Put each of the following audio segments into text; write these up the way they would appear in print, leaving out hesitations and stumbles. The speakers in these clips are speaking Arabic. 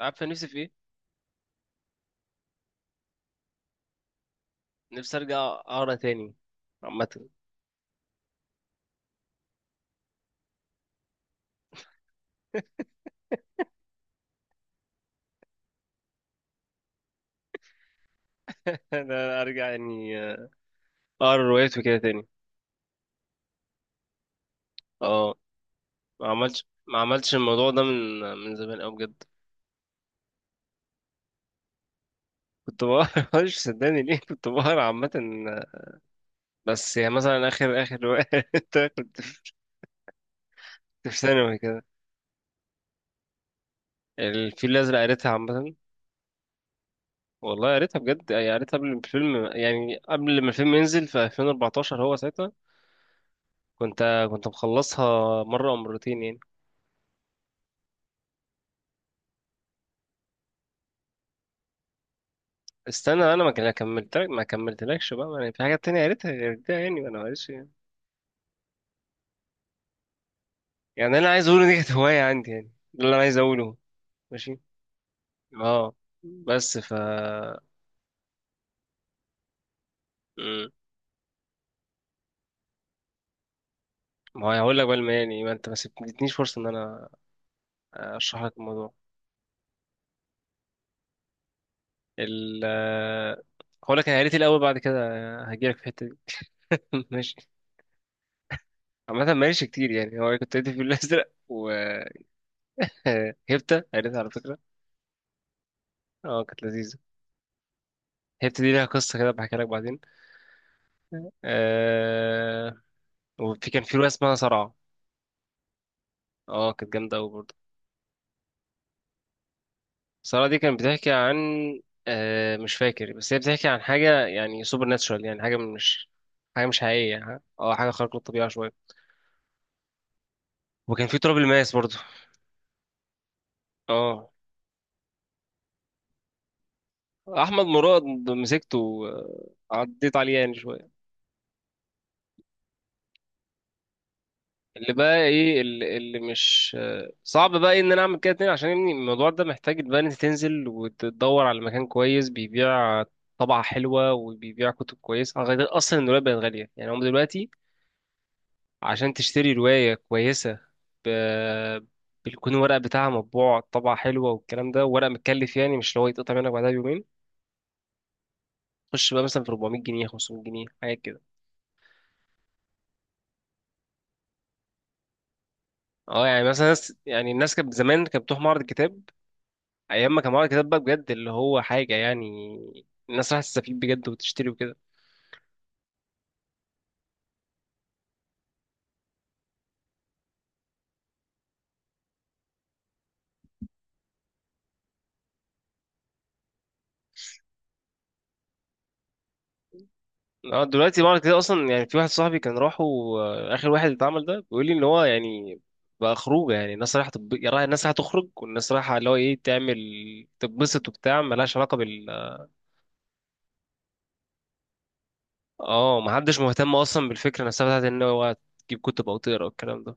عارفه نفسي في ايه. نفسي ارجع اقرا تاني عامه. انا ارجع يعني اقرا روايات وكده تاني. اه، ما عملتش الموضوع ده من زمان قوي بجد. كنت بقرا، مش صدقني ليه كنت بقرا عامه. بس يعني مثلا اخر روايه قريتها كنت في، كنت في ثانوي كده. الفيل الازرق قريتها عامه. والله قريتها بجد يعني قريتها قبل ما الفيلم، يعني قبل ما الفيلم ينزل في 2014. هو ساعتها كنت كنت مخلصها مره او مرتين يعني. استنى، انا ما كان- كملت، ما كملتلكش بقى، ما أنا في حاجات تانية قريتها غير ده يعني، ما انا معلش يعني. يعني اللي انا عايز اقوله دي كانت هواية عندي يعني، ده اللي انا عايز اقوله. ماشي. اه بس مم. ما هو هقول لك بقى يعني ما انت ما سبتنيش فرصة ان انا اشرح لك الموضوع. ال هقول لك انا قريت إيه الاول، بعد كده هجيلك في الحتة دي. ماشي. عامة ما قريتش كتير يعني، هو كنت قريت الفيل الازرق وهبتة. قريتها على فكرة. اه كانت لذيذة. هبتة دي ليها قصة كده بحكي لك بعدين. آه، وفي كان في رواية اسمها صرع. اه كانت جامدة أوي برضه. صرع دي كانت بتحكي عن، مش فاكر، بس هي بتحكي عن حاجة يعني سوبر ناتشورال، يعني حاجة مش، حاجة مش حقيقية. ها؟ اه حاجة خارقة للطبيعة شوية. وكان في تراب الماس برضه. اه أحمد مراد مسكته، عديت عليه يعني شوية. اللي بقى ايه، اللي مش صعب بقى إيه ان انا اعمل كده تاني، عشان يعني الموضوع ده محتاج بقى ان انت تنزل وتدور على مكان كويس بيبيع طبعة حلوة وبيبيع كتب كويسة، غير اصلا الرواية بقت غالية يعني هم دلوقتي عشان تشتري رواية كويسة. ب... بيكون الورق بتاعها مطبوع طبعة حلوة والكلام ده، ورق متكلف يعني، مش اللي هو يتقطع منك بعدها بيومين. خش بقى مثلا في 400 جنيه، 500 جنيه، حاجات كده. اه يعني مثلا ناس، يعني الناس كانت زمان كانت بتروح معرض الكتاب ايام ما كان معانا كتاب بقى بجد، اللي هو حاجه يعني الناس راح تستفيد بجد وتشتري وكده. اه دلوقتي معرض كده اصلا يعني، في واحد صاحبي كان راحه، اخر واحد اتعمل ده، بيقول لي ان هو يعني بقى خروجه. يعني الناس رايحه يعني الناس رايحه تخرج، والناس رايحه اللي هو ايه، تعمل تتبسط وبتاع، ملهاش علاقه اه، محدش مهتم اصلا بالفكره نفسها بتاعت ان هو تجيب كتب او تقرا والكلام ده.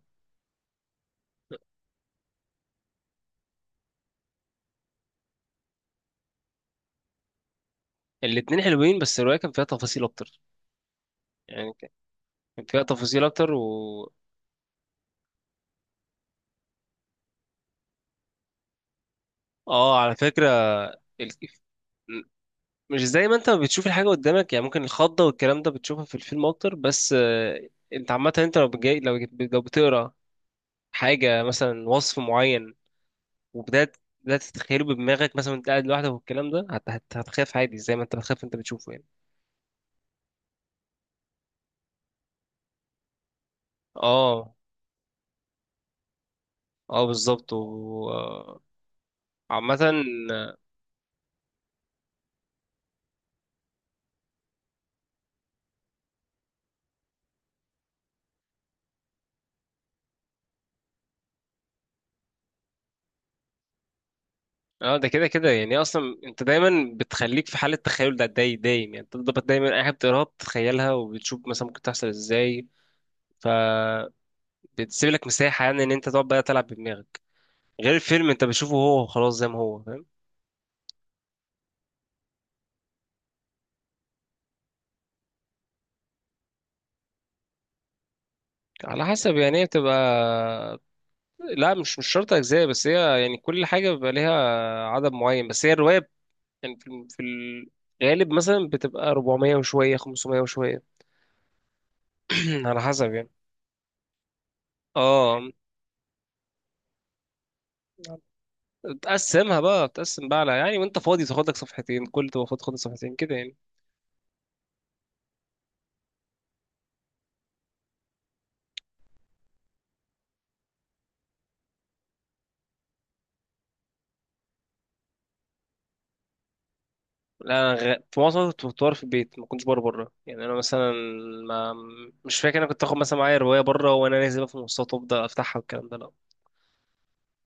الاتنين حلوين، بس الرواية كان فيها تفاصيل أكتر، يعني كان فيها تفاصيل أكتر آه، على فكرة. ال... مش زي ما انت بتشوف الحاجة قدامك يعني، ممكن الخضة والكلام ده بتشوفها في الفيلم اكتر، بس انت عامة انت لو جاي، لو بتقرا حاجة مثلا وصف معين، وبدأت بدأت تتخيله بدماغك مثلا وانت قاعد لوحدك والكلام ده، هتخاف عادي زي ما انت بتخاف انت بتشوفه يعني. اه اه بالظبط و عامة. اه ده كده كده يعني، اصلا انت دايما بتخليك في حالة تخيل ده، دايم يعني، انت بتبقى دايما اي حاجة بتقراها بتتخيلها وبتشوف مثلا ممكن تحصل ازاي. ف بتسيب لك مساحه يعني ان انت تقعد بقى تلعب بدماغك، غير الفيلم انت بتشوفه هو خلاص زي ما هو فاهم. على حسب يعني، هي بتبقى، لا مش شرط اجزاء، بس هي يعني كل حاجه بيبقى ليها عدد معين، بس هي الروايه يعني في الغالب مثلا بتبقى 400 وشويه، 500 وشويه. على حسب يعني. اه بتقسمها بقى، بتقسم بقى على يعني، وانت فاضي تاخد لك صفحتين، كل تبقى فاضي تاخد صفحتين كده يعني. لا، أنا في معظم الوقت كنت بطور في البيت، ما كنتش بره بره يعني. انا مثلا ما مش فاكر انا كنت اخد مثلا معايا روايه بره وانا نازل بقى في المواصلات وابدا افتحها والكلام ده، لا.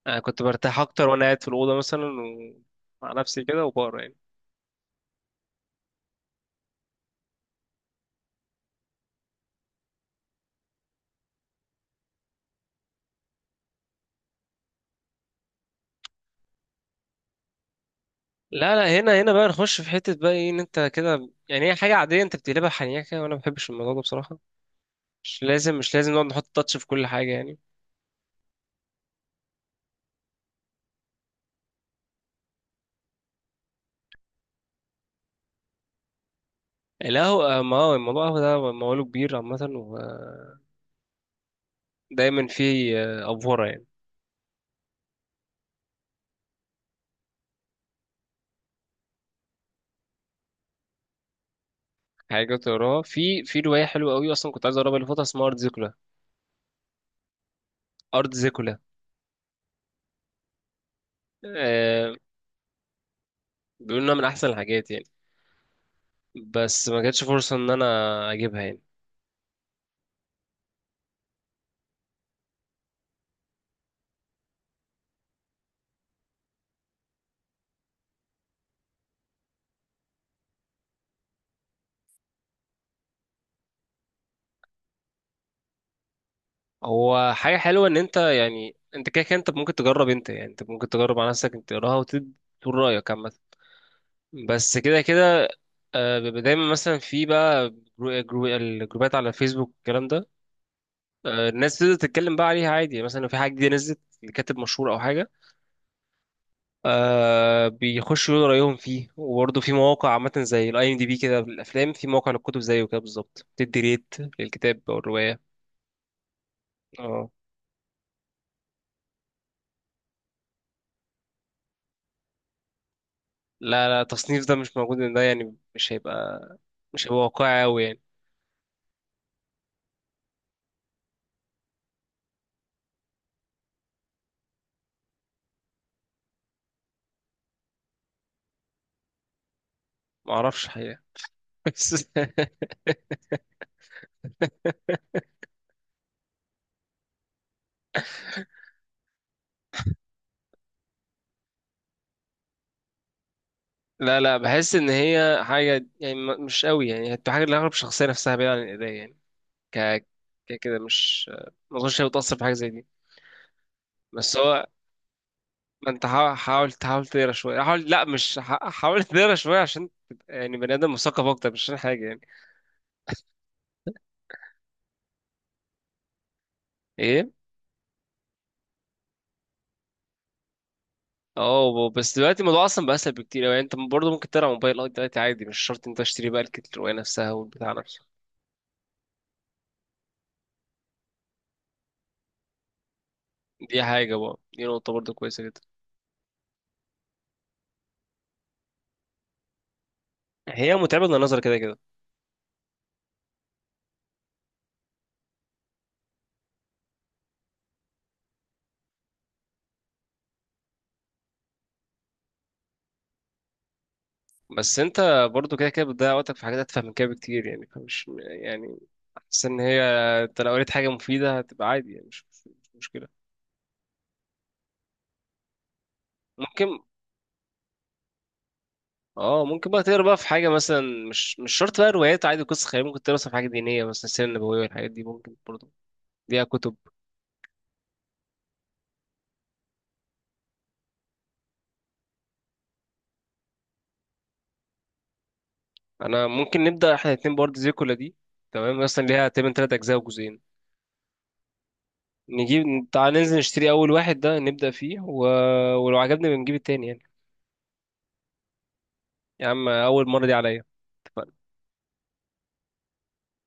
انا كنت برتاح اكتر وانا قاعد في الاوضه مثلا، مع نفسي كده وبقرا يعني. لا لا، هنا هنا بقى نخش في حته بقى ايه ان انت كده، يعني هي حاجه عاديه انت بتقلبها حنيكه، وانا ما بحبش الموضوع ده بصراحه. مش لازم، مش لازم نقعد نحط تاتش في كل حاجه يعني. القهوه، ما هو الموضوع القهوه ده موضوع كبير عامه، ودايما فيه افوره يعني. حاجة تقراها، في رواية حلوة قوي أصلا كنت عايز أقراها اللي فاتت، اسمها أرض زيكولا. أرض زيكولا، آه. بيقولوا إنها من أحسن الحاجات يعني، بس ما جاتش فرصة إن أنا أجيبها يعني. هو حاجة حلوة إن أنت يعني، أنت كده كده أنت ممكن تجرب، أنت ممكن تجرب على نفسك، أنت تقراها وتقول رأيك عامة. بس كده كده، آه بيبقى دايما مثلا في بقى، الجروبات على الفيسبوك الكلام ده. آه الناس بتبدأ تتكلم بقى عليها عادي يعني، مثلا لو في حاجة جديدة نزلت لكاتب مشهور أو حاجة، آه بيخشوا يقولوا رأيهم فيه. وبرضه في مواقع عامة زي الاي ام دي بي كده للأفلام، في موقع للكتب زيه كده بالظبط، بتدي ريت للكتاب أو الرواية. اه لا لا، التصنيف ده مش موجود، إن ده يعني مش هيبقى واقعي أوي يعني. معرفش حقيقة. بس، لا لا بحس إن هي حاجة يعني، مش أوي يعني، هتبقى حاجة لأغلب الشخصية نفسها بعيدة عن الإيديا يعني. ك كده مش، ما أظنش هي بتأثر في حاجة زي دي. بس هو ما انت حاول تحاول تقرا شويه، حاول، لا مش حاول تقرا شويه عشان تبقى يعني بني ادم مثقف اكتر، مش عشان حاجه يعني. ايه، اه بس دلوقتي الموضوع اصلا بقى اسهل بكتير يعني، انت برضه ممكن تقرا موبايل، اه دلوقتي عادي، مش شرط انت تشتري بقى الروايه نفسها والبتاع نفسه. دي حاجه بقى، دي نقطه برضه كويسه جدا. هي متعبه للنظر كده كده. بس انت برضه كده كده بتضيع وقتك في حاجات اتفه من كده بكتير يعني، فمش يعني حاسس ان هي، انت لو قريت حاجه مفيده هتبقى عادي يعني، مش مشكله. ممكن اه ممكن بقى تقرا بقى في حاجه مثلا، مش شرط بقى روايات عادي، قصص خياليه، ممكن تقرا مثلا في حاجه دينيه مثلا السيره النبويه والحاجات دي ممكن برضه ليها كتب. انا ممكن نبدا احنا الاتنين برضه زي كلها دي. تمام، مثلا ليها تقريبا تلات اجزاء وجزئين. نجيب، تعال ننزل نشتري اول واحد ده نبدا فيه، ولو عجبني بنجيب التاني يعني. يا عم اول مره دي عليا.